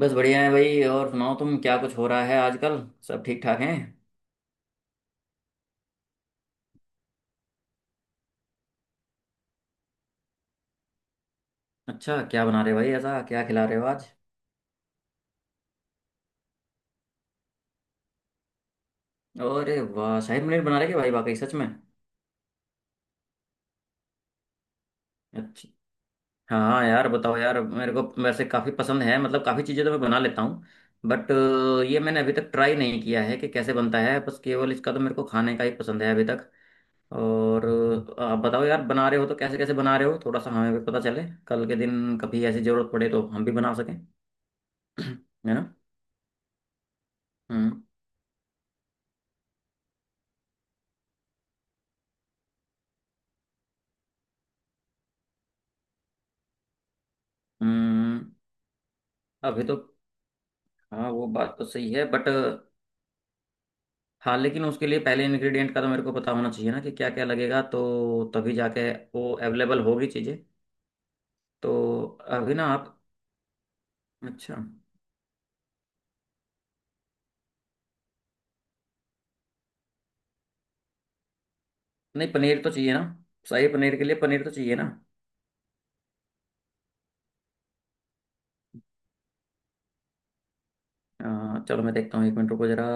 बस बढ़िया है भाई। और सुनाओ, तुम क्या कुछ हो रहा है आजकल? सब ठीक ठाक हैं। अच्छा, क्या बना रहे भाई? ऐसा क्या खिला रहे हो आज? अरे वाह, शाही पनीर बना रहे क्या भाई, वाकई सच में? अच्छा। हाँ हाँ यार, बताओ यार, मेरे को वैसे काफ़ी पसंद है, मतलब काफ़ी चीज़ें तो मैं बना लेता हूँ, बट ये मैंने अभी तक ट्राई नहीं किया है कि कैसे बनता है, बस केवल इसका तो मेरे को खाने का ही पसंद है अभी तक। और आप बताओ यार, बना रहे हो तो कैसे कैसे बना रहे हो? थोड़ा सा हमें भी पता चले, कल के दिन कभी ऐसी ज़रूरत पड़े तो हम भी बना सकें। है ना? हम्म। हम्म। अभी तो। हाँ, वो बात तो सही है बट। हाँ लेकिन उसके लिए पहले इंग्रेडिएंट का तो मेरे को पता होना चाहिए ना कि क्या क्या लगेगा, तो तभी जाके वो अवेलेबल होगी चीज़ें। तो अभी ना आप। अच्छा। नहीं, पनीर तो चाहिए ना। शाही पनीर के लिए पनीर तो चाहिए ना। चलो मैं देखता हूँ, 1 मिनट रुको ज़रा।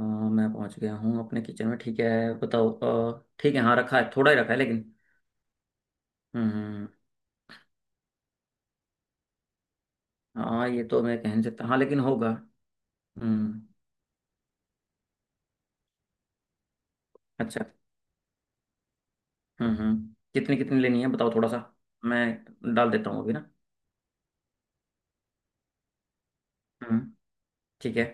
हाँ, मैं पहुँच गया हूँ अपने किचन में, ठीक है। बताओ। ठीक है, हाँ, रखा है, थोड़ा ही रखा है लेकिन। हम्म। हाँ, ये तो मैं कह नहीं सकता, हाँ लेकिन होगा। हम्म। अच्छा। हम्म। कितनी कितनी लेनी है बताओ? थोड़ा सा मैं डाल देता हूँ अभी ना। हम्म। ठीक है।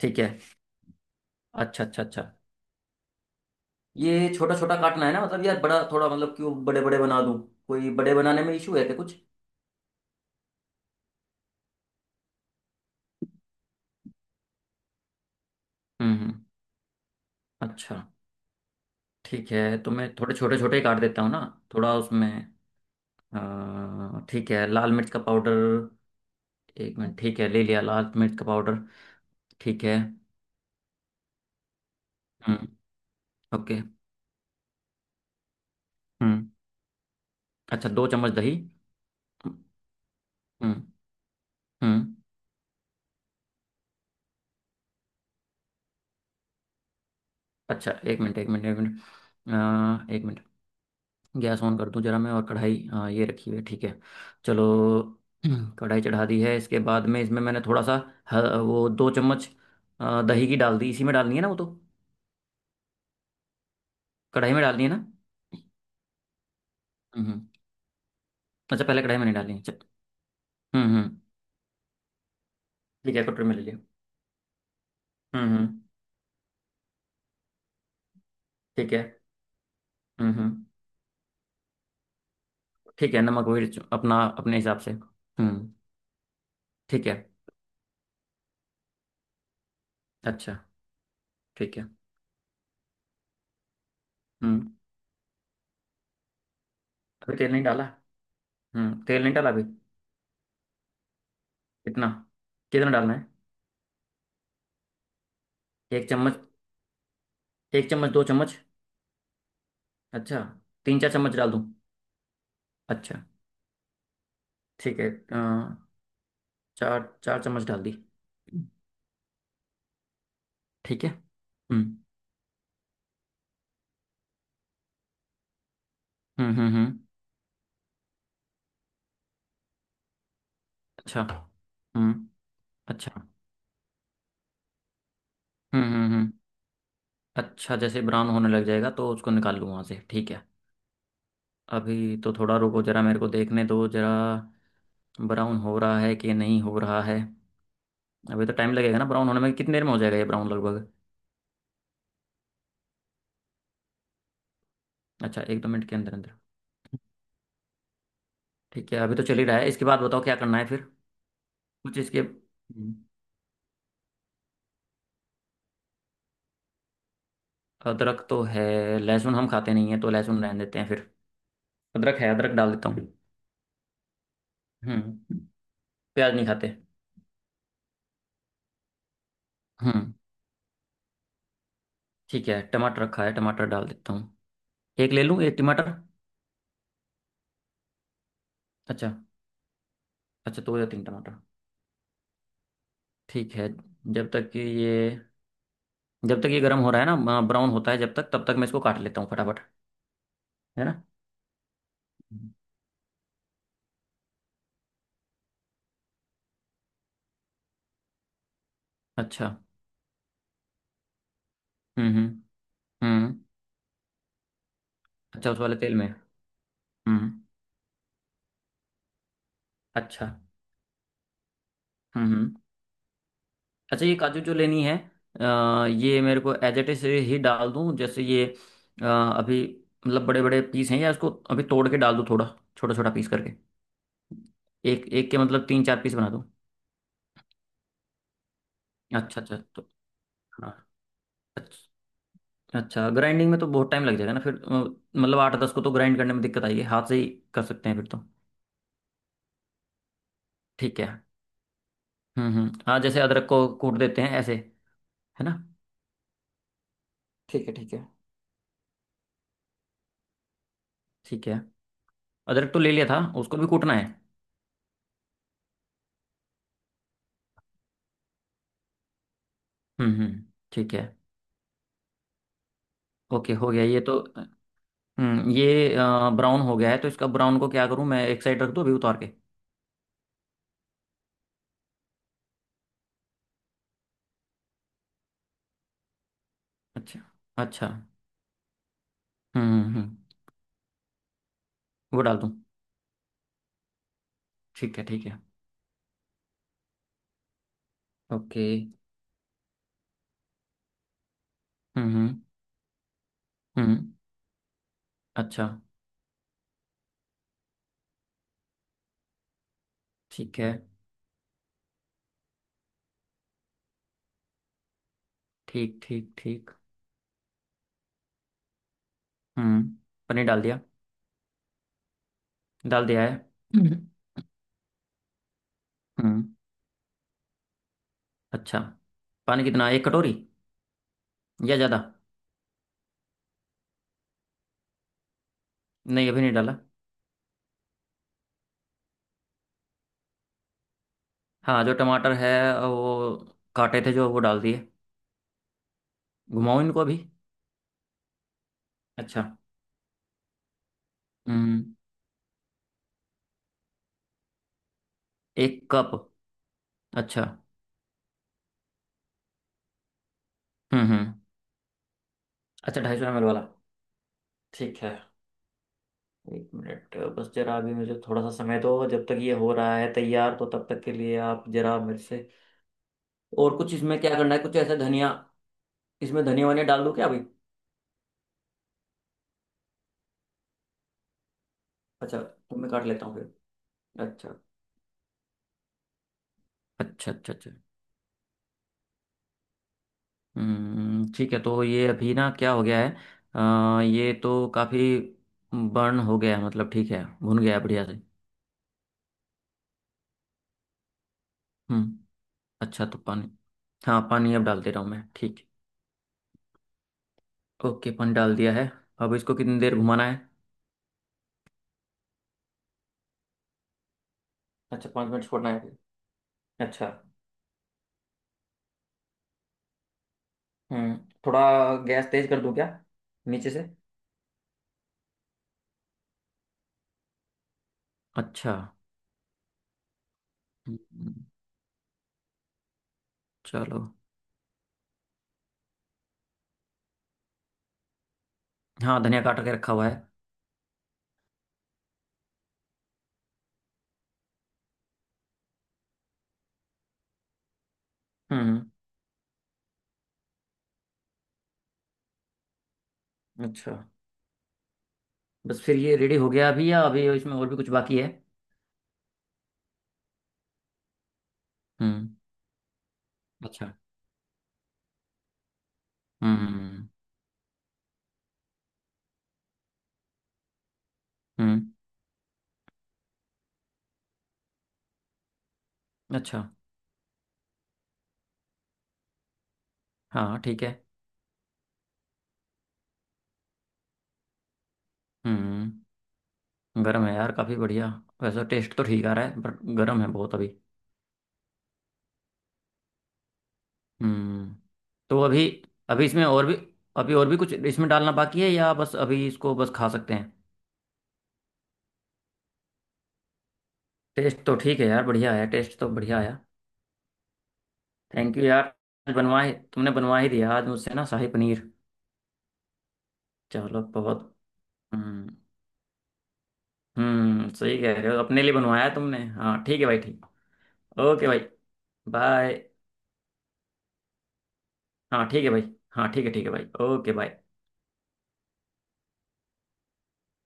ठीक है। अच्छा अच्छा अच्छा। ये छोटा छोटा काटना है ना, मतलब यार, बड़ा थोड़ा मतलब, क्यों बड़े बड़े बना दूं? कोई बड़े बनाने में इशू है क्या कुछ? हम्म। अच्छा। ठीक है, तो मैं थोड़े छोटे छोटे काट देता हूँ ना। थोड़ा उसमें ठीक है, लाल मिर्च का पाउडर। एक मिनट, ठीक है, ले लिया लाल मिर्च का पाउडर। ठीक है। हम्म। ओके। हम्म। अच्छा, 2 चम्मच दही। हम्म हम्म। अच्छा, 1 मिनट 1 मिनट 1 मिनट। एक मिनट। गैस ऑन कर दूं जरा मैं, और कढ़ाई ये रखी हुई है, ठीक है। चलो। कढ़ाई चढ़ा दी है, इसके बाद में इसमें मैंने थोड़ा सा वो 2 चम्मच दही की डाल दी, इसी में डालनी है ना वो तो? कढ़ाई में डालनी है ना? हम्म। अच्छा, पहले कढ़ाई में नहीं डालनी है, अच्छा। हम्म। ठीक है, कटोरी में ले लिया। हम्म। ठीक है। हम्म। ठीक है, नमक मिर्च अपना अपने हिसाब से। हम्म। ठीक है। अच्छा। ठीक है। हम्म। अभी तेल नहीं डाला। हम्म, तेल नहीं डाला अभी। कितना? कितना डालना है? 1 चम्मच? 1 चम्मच 2 चम्मच अच्छा, 3 4 चम्मच डाल दूँ? अच्छा। ठीक है। चार चार चम्मच डाल दी। ठीक है। हम्म। अच्छा। हम्म। अच्छा। हम्म। अच्छा, जैसे ब्राउन होने लग जाएगा तो उसको निकाल लूँ वहाँ से, ठीक है। अभी तो थोड़ा रुको जरा, मेरे को देखने दो जरा, ब्राउन हो रहा है कि नहीं हो रहा है। अभी तो टाइम लगेगा ना ब्राउन होने में, कितनी देर में हो जाएगा ये ब्राउन लगभग? अच्छा, 1 2 मिनट के अंदर अंदर। ठीक है, अभी तो चल ही रहा है, इसके बाद बताओ क्या करना है फिर। कुछ इसके। अदरक तो है। लहसुन हम खाते नहीं है, तो लहसुन रहने देते हैं फिर। अदरक है, अदरक डाल देता हूँ। हम्म। प्याज नहीं खाते। हम्म। ठीक है, टमाटर रखा है, टमाटर डाल देता हूँ। एक ले लूँ, एक टमाटर? अच्छा। अच्छा, 2 या 3 टमाटर। ठीक है। जब तक कि ये, जब तक ये गर्म हो रहा है ना, ब्राउन होता है जब तक, तब तक मैं इसको काट लेता हूँ फटाफट, है ना? हम्म। अच्छा। हम्म हम्म हम्म। अच्छा, उस वाले तेल में। हम्म। अच्छा। हम्म हम्म। अच्छा, ये काजू जो लेनी है, ये मेरे को एज इट इज ही डाल दूं जैसे ये, अभी मतलब बड़े बड़े पीस हैं, या इसको अभी तोड़ के डाल दूं थोड़ा छोटा छोटा पीस करके? एक एक के मतलब 3 4 पीस बना दूं? अच्छा अच्छा, तो हाँ। अच्छा। अच्छा, ग्राइंडिंग में तो बहुत टाइम लग जाएगा ना फिर मतलब 8 10 को तो ग्राइंड करने में दिक्कत आएगी, हाथ से ही कर सकते हैं फिर तो। ठीक है। हम्म। हाँ, जैसे अदरक को कूट देते हैं ऐसे, है ना? ठीक है, ठीक है। ठीक है, अदरक तो ले लिया था, उसको भी कूटना है। हम्म। ठीक है। ओके, हो गया ये तो। हम्म, ये ब्राउन हो गया है, तो इसका ब्राउन को क्या करूँ मैं? एक साइड रख दूँ अभी उतार के? अच्छा। अच्छा। हम्म। वो डाल दूँ? ठीक है, ठीक है। ओके। हम्म। हम्म, अच्छा। ठीक है। ठीक ठीक ठीक। हम्म, पनीर डाल दिया, डाल दिया है। हम्म हम्म। अच्छा, पानी कितना? एक कटोरी या ज़्यादा? नहीं, अभी नहीं डाला। हाँ, जो टमाटर है वो, काटे थे जो, वो डाल दिए। घुमाऊँ इनको अभी? अच्छा। हम्म। 1 कप। अच्छा। हम्म। अच्छा, 250 ML वाला। ठीक है। एक मिनट बस जरा, अभी मुझे थोड़ा सा समय दो, जब तक ये हो रहा है तैयार तो तब तक के लिए आप जरा मेरे से। और कुछ इसमें क्या करना है? कुछ ऐसा धनिया, इसमें धनिया वनिया डाल दूं क्या अभी? अच्छा, तो मैं काट लेता हूँ फिर। अच्छा। अच्छा अच्छा अच्छा। हम्म, ठीक है, तो ये अभी ना क्या हो गया है? ये तो काफी बर्न हो गया है, मतलब ठीक है, भुन गया है बढ़िया से। हम्म। अच्छा, तो पानी? हाँ, पानी अब डाल दे रहा हूँ मैं, ठीक। ओके, पानी डाल दिया है। अब इसको कितनी देर घुमाना है? अच्छा, 5 मिनट छोड़ना है। अच्छा। हम्म, थोड़ा गैस तेज कर दूं क्या, नीचे से? अच्छा। हम्म, चलो। हाँ, धनिया काट के रखा हुआ है। हम्म। अच्छा, बस फिर ये रेडी हो गया अभी, या अभी इसमें और भी कुछ बाकी है? हम्म। अच्छा। हम्म। हम्म, अच्छा। हाँ, ठीक है। हम्म, गर्म है यार, काफ़ी बढ़िया। वैसे टेस्ट तो ठीक आ रहा है, बट गर्म है बहुत अभी। हम्म। तो अभी, अभी इसमें और भी, अभी और भी कुछ इसमें डालना बाकी है, या बस अभी इसको बस खा सकते हैं? टेस्ट तो ठीक है यार, बढ़िया है, टेस्ट तो बढ़िया आया। थैंक यू यार, बनवाए तुमने, बनवा ही दिया आज मुझसे ना शाही पनीर। चलो, बहुत। हम्म। हम्म, सही कह रहे हो, अपने लिए बनवाया तुमने। हाँ ठीक है भाई, ठीक। ओके भाई, बाय। हाँ ठीक है भाई। हाँ ठीक है, ठीक है भाई, ओके बाय।